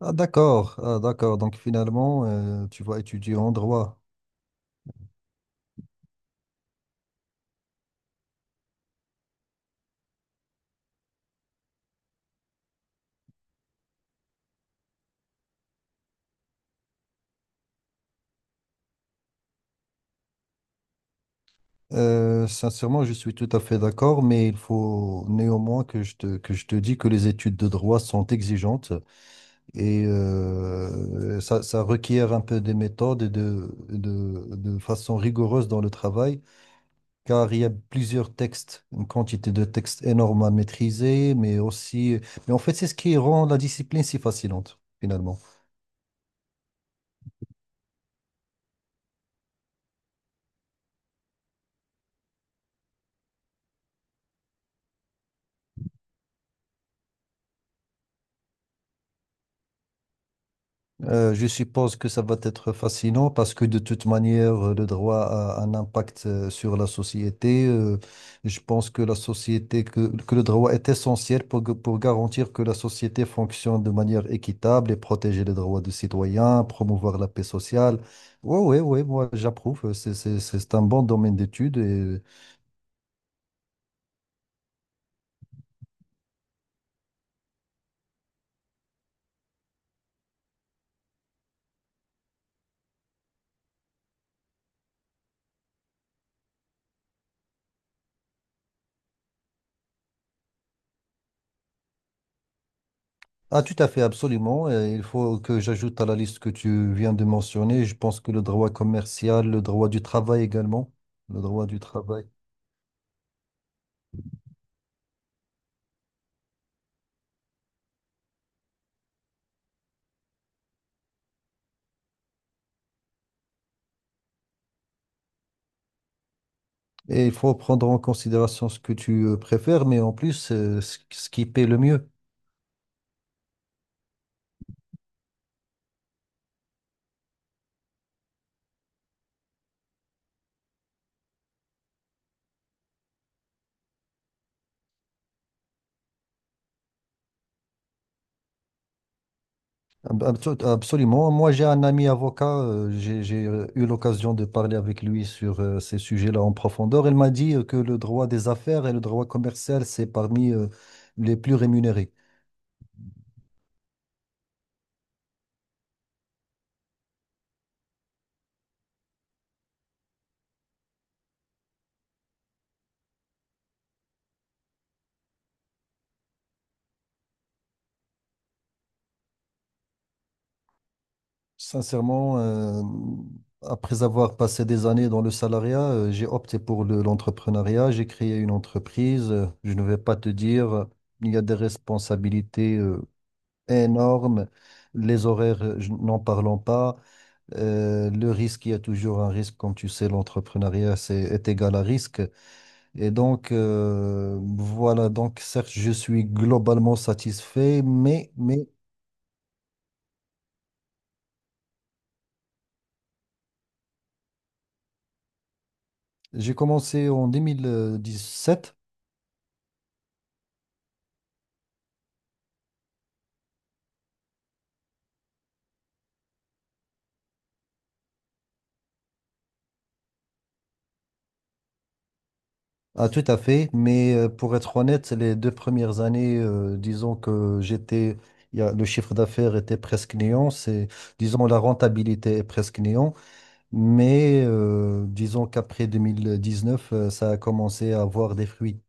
Ah, d'accord, ah, d'accord. Donc finalement, tu vas étudier en droit. Sincèrement, je suis tout à fait d'accord, mais il faut néanmoins que je te dis que les études de droit sont exigeantes. Ça, ça requiert un peu des méthodes et de façon rigoureuse dans le travail, car il y a plusieurs textes, une quantité de textes énorme à maîtriser, mais aussi... Mais en fait, c'est ce qui rend la discipline si fascinante, finalement. Je suppose que ça va être fascinant parce que de toute manière, le droit a un impact sur la société. Je pense que le droit est essentiel pour, pour garantir que la société fonctionne de manière équitable et protéger les droits des citoyens, promouvoir la paix sociale. Oui, oui, oui, moi j'approuve. C'est un bon domaine d'études, et ah, tout à fait, absolument. Et il faut que j'ajoute à la liste que tu viens de mentionner, je pense que le droit commercial, le droit du travail également, le droit du travail. Et il faut prendre en considération ce que tu préfères, mais en plus, ce qui paie le mieux. Ab- abso- Absolument. Moi, j'ai un ami avocat, j'ai eu l'occasion de parler avec lui sur ces sujets-là en profondeur. Il m'a dit que le droit des affaires et le droit commercial, c'est parmi les plus rémunérés. Sincèrement, après avoir passé des années dans le salariat, j'ai opté pour l'entrepreneuriat. J'ai créé une entreprise. Je ne vais pas te dire, il y a des responsabilités énormes. Les horaires, n'en parlons pas. Le risque, il y a toujours un risque. Comme tu sais, l'entrepreneuriat, est égal à risque. Et donc, voilà. Donc, certes, je suis globalement satisfait, mais j'ai commencé en 2017. Ah, tout à fait, mais pour être honnête, les deux premières années, disons que j'étais, il y a- le chiffre d'affaires était presque néant, disons, la rentabilité est presque néant, mais disons qu'après 2019, ça a commencé à avoir des fruits.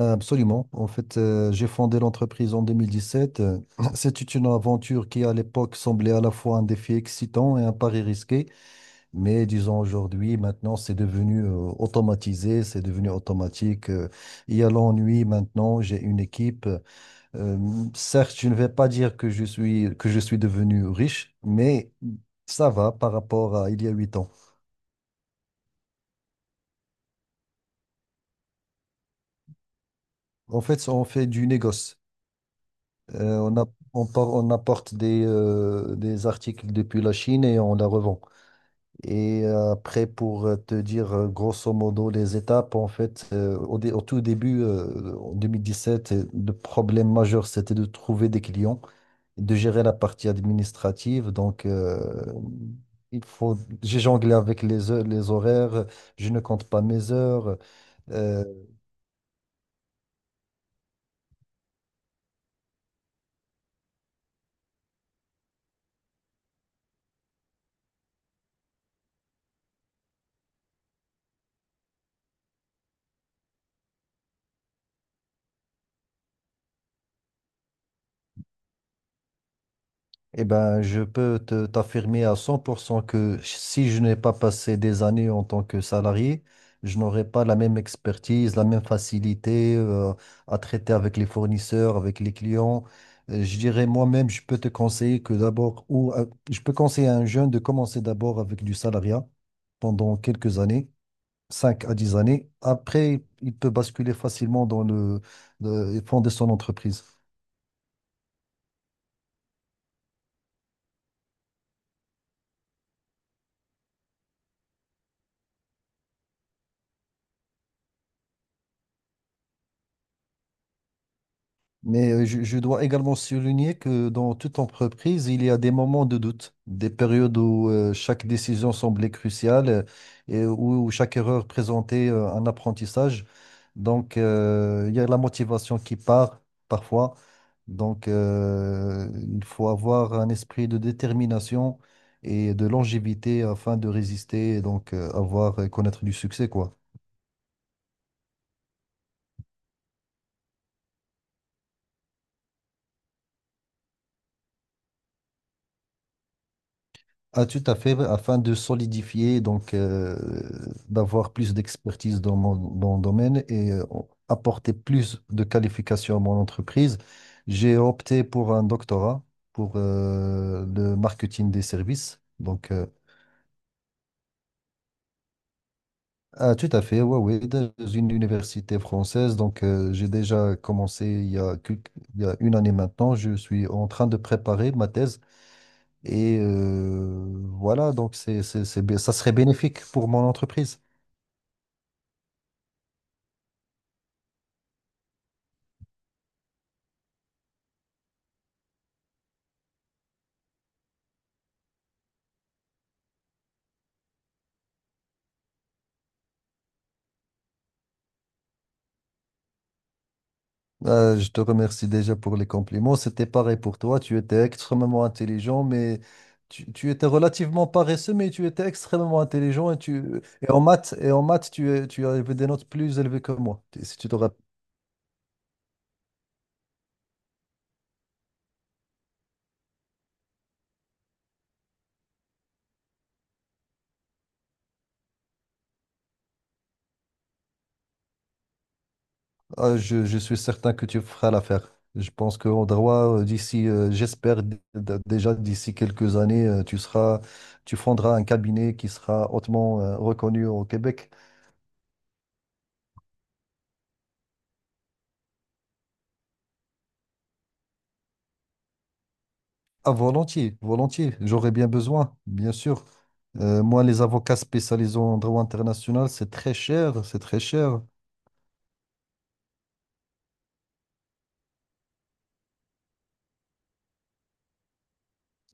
Absolument. En fait, j'ai fondé l'entreprise en 2017. C'était une aventure qui, à l'époque, semblait à la fois un défi excitant et un pari risqué. Mais disons aujourd'hui, maintenant, c'est devenu automatisé, c'est devenu automatique. Il y a l'ennui maintenant, j'ai une équipe. euh, Certes, je ne vais pas dire que je suis devenu riche, mais ça va par rapport à il y a 8 ans. En fait, on fait du négoce. On a- on, par- on apporte des articles depuis la Chine et on la revend. Pour te dire grosso modo les étapes, en fait, au tout début, en 2017, le problème majeur, c'était de trouver des clients, de gérer la partie administrative. Donc, j'ai jonglé avec les horaires, je ne compte pas mes heures. Euh, Eh ben, je peux t'affirmer à 100% que si je n'ai pas passé des années en tant que salarié, je n'aurais pas la même expertise, la même facilité à traiter avec les fournisseurs, avec les clients. Je dirais moi-même, je peux te conseiller que d'abord, ou je peux conseiller à un jeune de commencer d'abord avec du salariat pendant quelques années, 5 à 10 années. Après, il peut basculer facilement dans le fonder son entreprise. Mais je dois également souligner que dans toute entreprise, il y a des moments de doute, des périodes où chaque décision semblait cruciale et où chaque erreur présentait un apprentissage. Donc, il y a la motivation qui part parfois. Donc, il faut avoir un esprit de détermination et de longévité afin de résister et donc avoir connaître du succès, quoi. Ah, tout à fait, afin de solidifier, donc d'avoir plus d'expertise dans dans le domaine et apporter plus de qualifications à mon entreprise, j'ai opté pour un doctorat pour le marketing des services. Donc, ah, tout à fait, ouais, ouais, dans une université française. Donc, j'ai déjà commencé il y a, il y a une année maintenant. Je suis en train de préparer ma thèse et voilà, donc ça serait bénéfique pour mon entreprise. Je te remercie déjà pour les compliments. C'était pareil pour toi. Tu étais extrêmement intelligent, mais tu étais relativement paresseux, mais tu étais extrêmement intelligent. Et, tu, et en maths tu, es- tu avais des notes plus élevées que moi. Si tu te ah, je suis certain que tu feras l'affaire. Je pense qu'en droit, j'espère déjà d'ici quelques années, tu fonderas un cabinet qui sera hautement, reconnu au Québec. Ah, volontiers, volontiers. J'aurais bien besoin, bien sûr. Moi, les avocats spécialisés en droit international, c'est très cher, c'est très cher.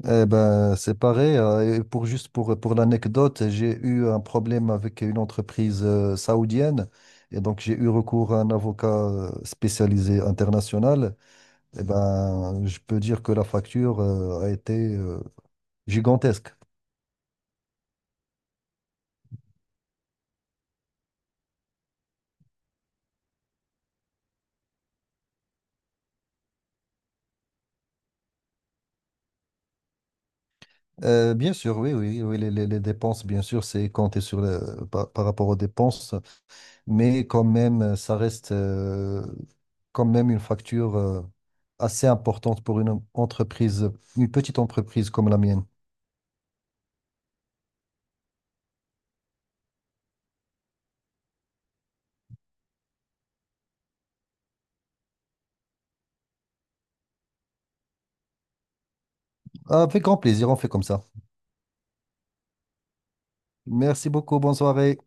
Eh ben, c'est pareil. Et pour juste pour l'anecdote, j'ai eu un problème avec une entreprise saoudienne et donc j'ai eu recours à un avocat spécialisé international. Eh ben, je peux dire que la facture a été gigantesque. Bien sûr, oui, oui, oui, les dépenses, bien sûr, c'est compté sur par par rapport aux dépenses. Mais quand même, ça reste quand même une facture assez importante pour une entreprise, une petite entreprise comme la mienne. Avec grand plaisir, on fait comme ça. Merci beaucoup, bonne soirée.